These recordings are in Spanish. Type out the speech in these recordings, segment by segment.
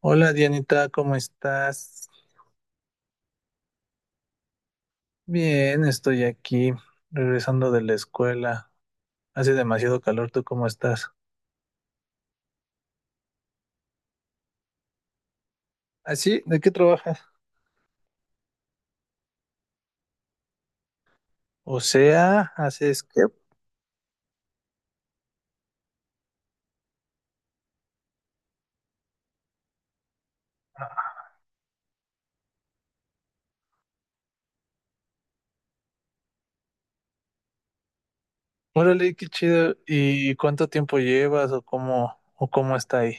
Hola Dianita, ¿cómo estás? Bien, estoy aquí, regresando de la escuela. Hace demasiado calor, ¿tú cómo estás? ¿Ah, sí? ¿De qué trabajas? O sea, haces que... Órale, qué chido. ¿Y cuánto tiempo llevas o cómo está ahí?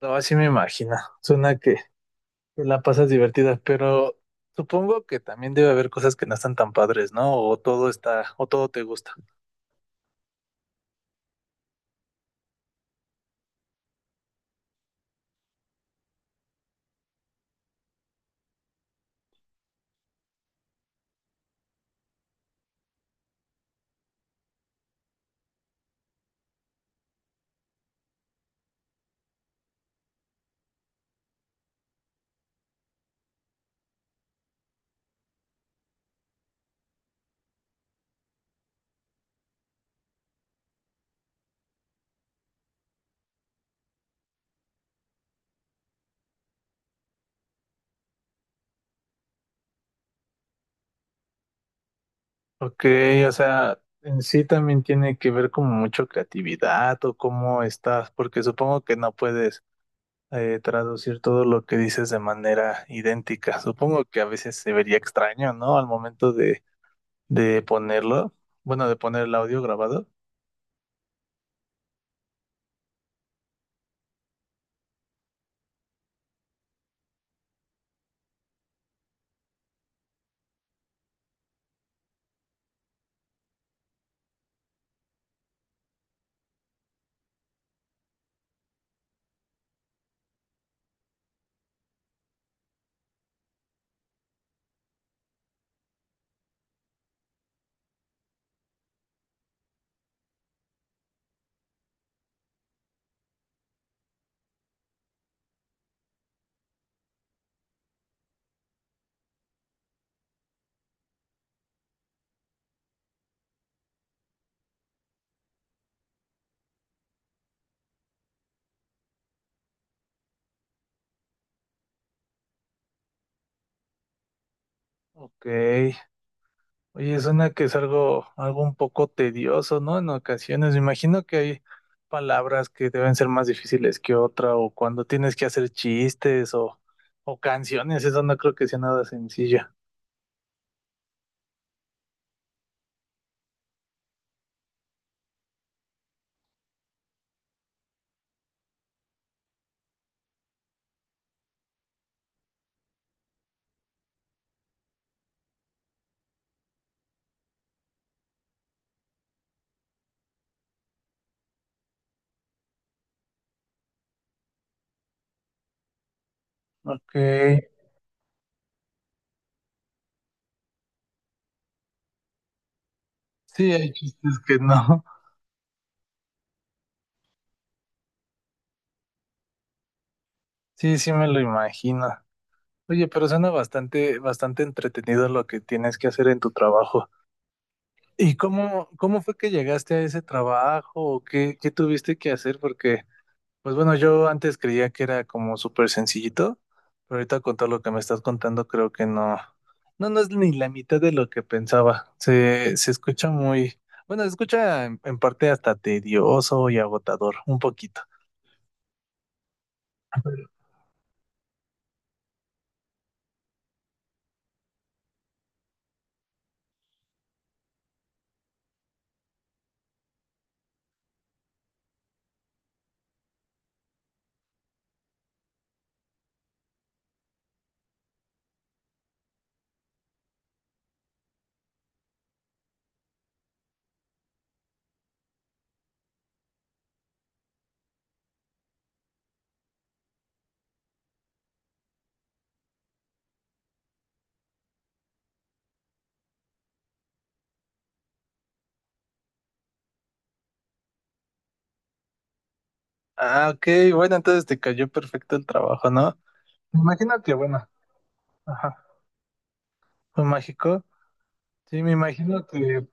No, así me imagino. Suena que te la pasas divertida, pero supongo que también debe haber cosas que no están tan padres, ¿no? O todo está, o todo te gusta. Ok, o sea, en sí también tiene que ver como mucho creatividad o cómo estás, porque supongo que no puedes traducir todo lo que dices de manera idéntica. Supongo que a veces se vería extraño, ¿no? Al momento de ponerlo, bueno, de poner el audio grabado. Ok, oye, suena que es algo, algo un poco tedioso, ¿no? En ocasiones, me imagino que hay palabras que deben ser más difíciles que otra, o cuando tienes que hacer chistes o canciones, eso no creo que sea nada sencillo. Ok, sí, hay chistes que no. Sí, sí me lo imagino. Oye, pero suena bastante, bastante entretenido lo que tienes que hacer en tu trabajo. ¿Y cómo, cómo fue que llegaste a ese trabajo? ¿O qué, qué tuviste que hacer? Porque pues bueno, yo antes creía que era como súper sencillito, pero ahorita con todo lo que me estás contando creo que no, no, no es ni la mitad de lo que pensaba. Se escucha muy, bueno, se escucha en parte hasta tedioso y agotador, un poquito. Pero- ah, ok, bueno, entonces te cayó perfecto el trabajo, ¿no? Me imagino que, bueno, ajá, fue mágico. Sí, me imagino que,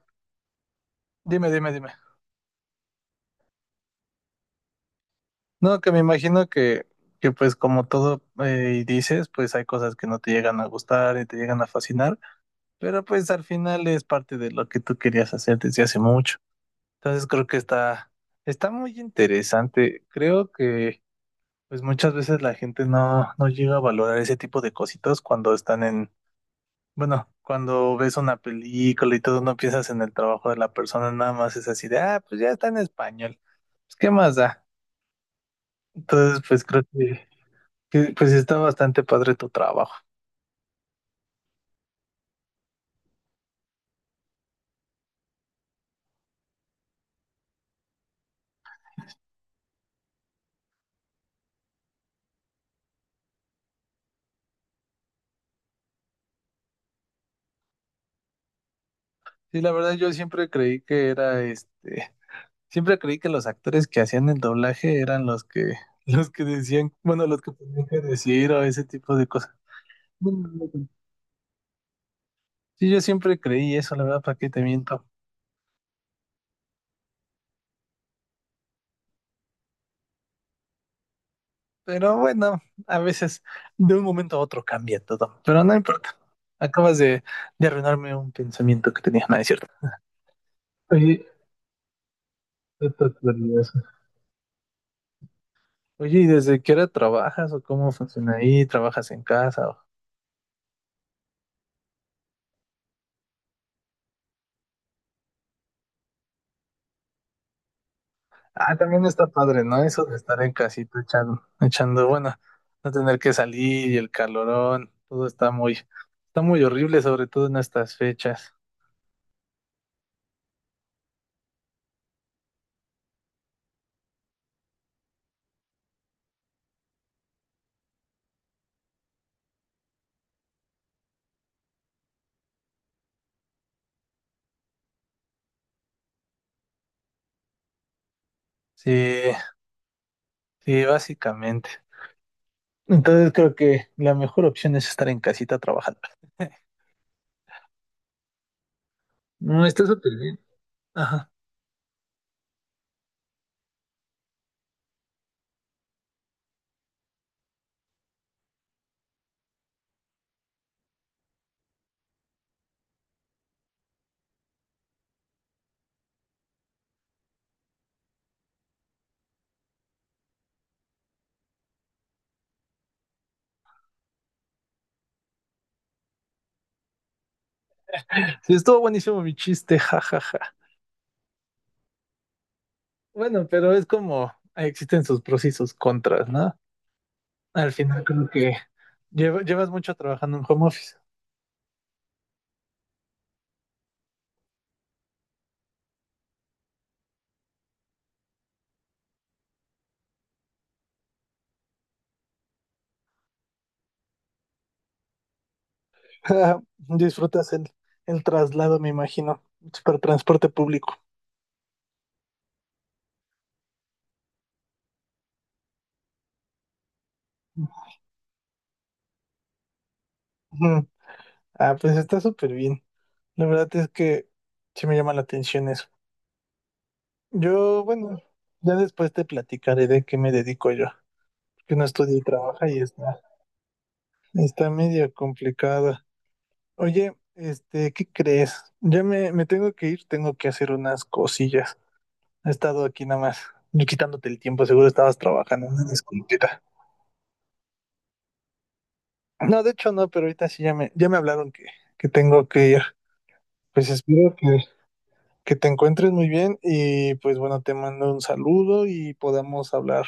dime, dime, dime. No, que me imagino que pues como todo dices, pues hay cosas que no te llegan a gustar y te llegan a fascinar, pero pues al final es parte de lo que tú querías hacer desde hace mucho. Entonces creo que está, está muy interesante. Creo que pues muchas veces la gente no, no llega a valorar ese tipo de cositas cuando están en, bueno, cuando ves una película y todo, no piensas en el trabajo de la persona, nada más es así de, ah, pues ya está en español. Pues, ¿qué más da? Entonces, pues creo que, pues está bastante padre tu trabajo. Sí, la verdad yo siempre creí que era este, siempre creí que los actores que hacían el doblaje eran los que, los que decían, bueno, los que tenían que decir o ese tipo de cosas. Bueno, no, no. Sí, yo siempre creí eso, la verdad, ¿para qué te miento? Pero bueno, a veces de un momento a otro cambia todo, pero no importa. Acabas de arruinarme un pensamiento que tenía, no es cierto. Oye, no te olvides. Oye, ¿y desde qué hora trabajas o cómo funciona ahí? ¿Trabajas en casa? Ah, también está padre, ¿no? Eso de estar en casita echando, echando, bueno, no tener que salir y el calorón, todo está muy horrible, sobre todo en estas fechas. Sí, sí, básicamente. Entonces creo que la mejor opción es estar en casita trabajando. No, está súper bien. Ajá. Sí, estuvo buenísimo mi chiste, jajaja. Bueno, pero es como ahí existen sus pros y sus contras, ¿no? Al final creo que llevas mucho trabajando en home office. Disfrutas el traslado, me imagino, para transporte público. Ujú. Ah, pues está súper bien. La verdad es que sí me llama la atención eso. Yo, bueno, ya después te platicaré de qué me dedico yo, porque no estudio y trabaja y está, está medio complicado. Oye, este, ¿qué crees? Ya me tengo que ir, tengo que hacer unas cosillas. He estado aquí nada más, yo quitándote el tiempo, seguro estabas trabajando, una disculpita. No, de hecho no, pero ahorita sí ya me hablaron que tengo que ir. Pues espero que te encuentres muy bien y pues bueno, te mando un saludo y podamos hablar,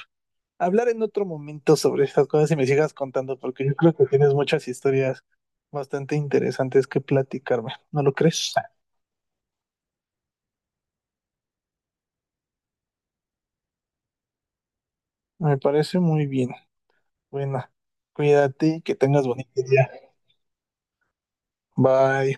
hablar en otro momento sobre estas cosas y me sigas contando, porque yo creo que tienes muchas historias bastante interesantes que platicarme. ¿No lo crees? Me parece muy bien. Bueno, cuídate y que tengas bonito día. Bye.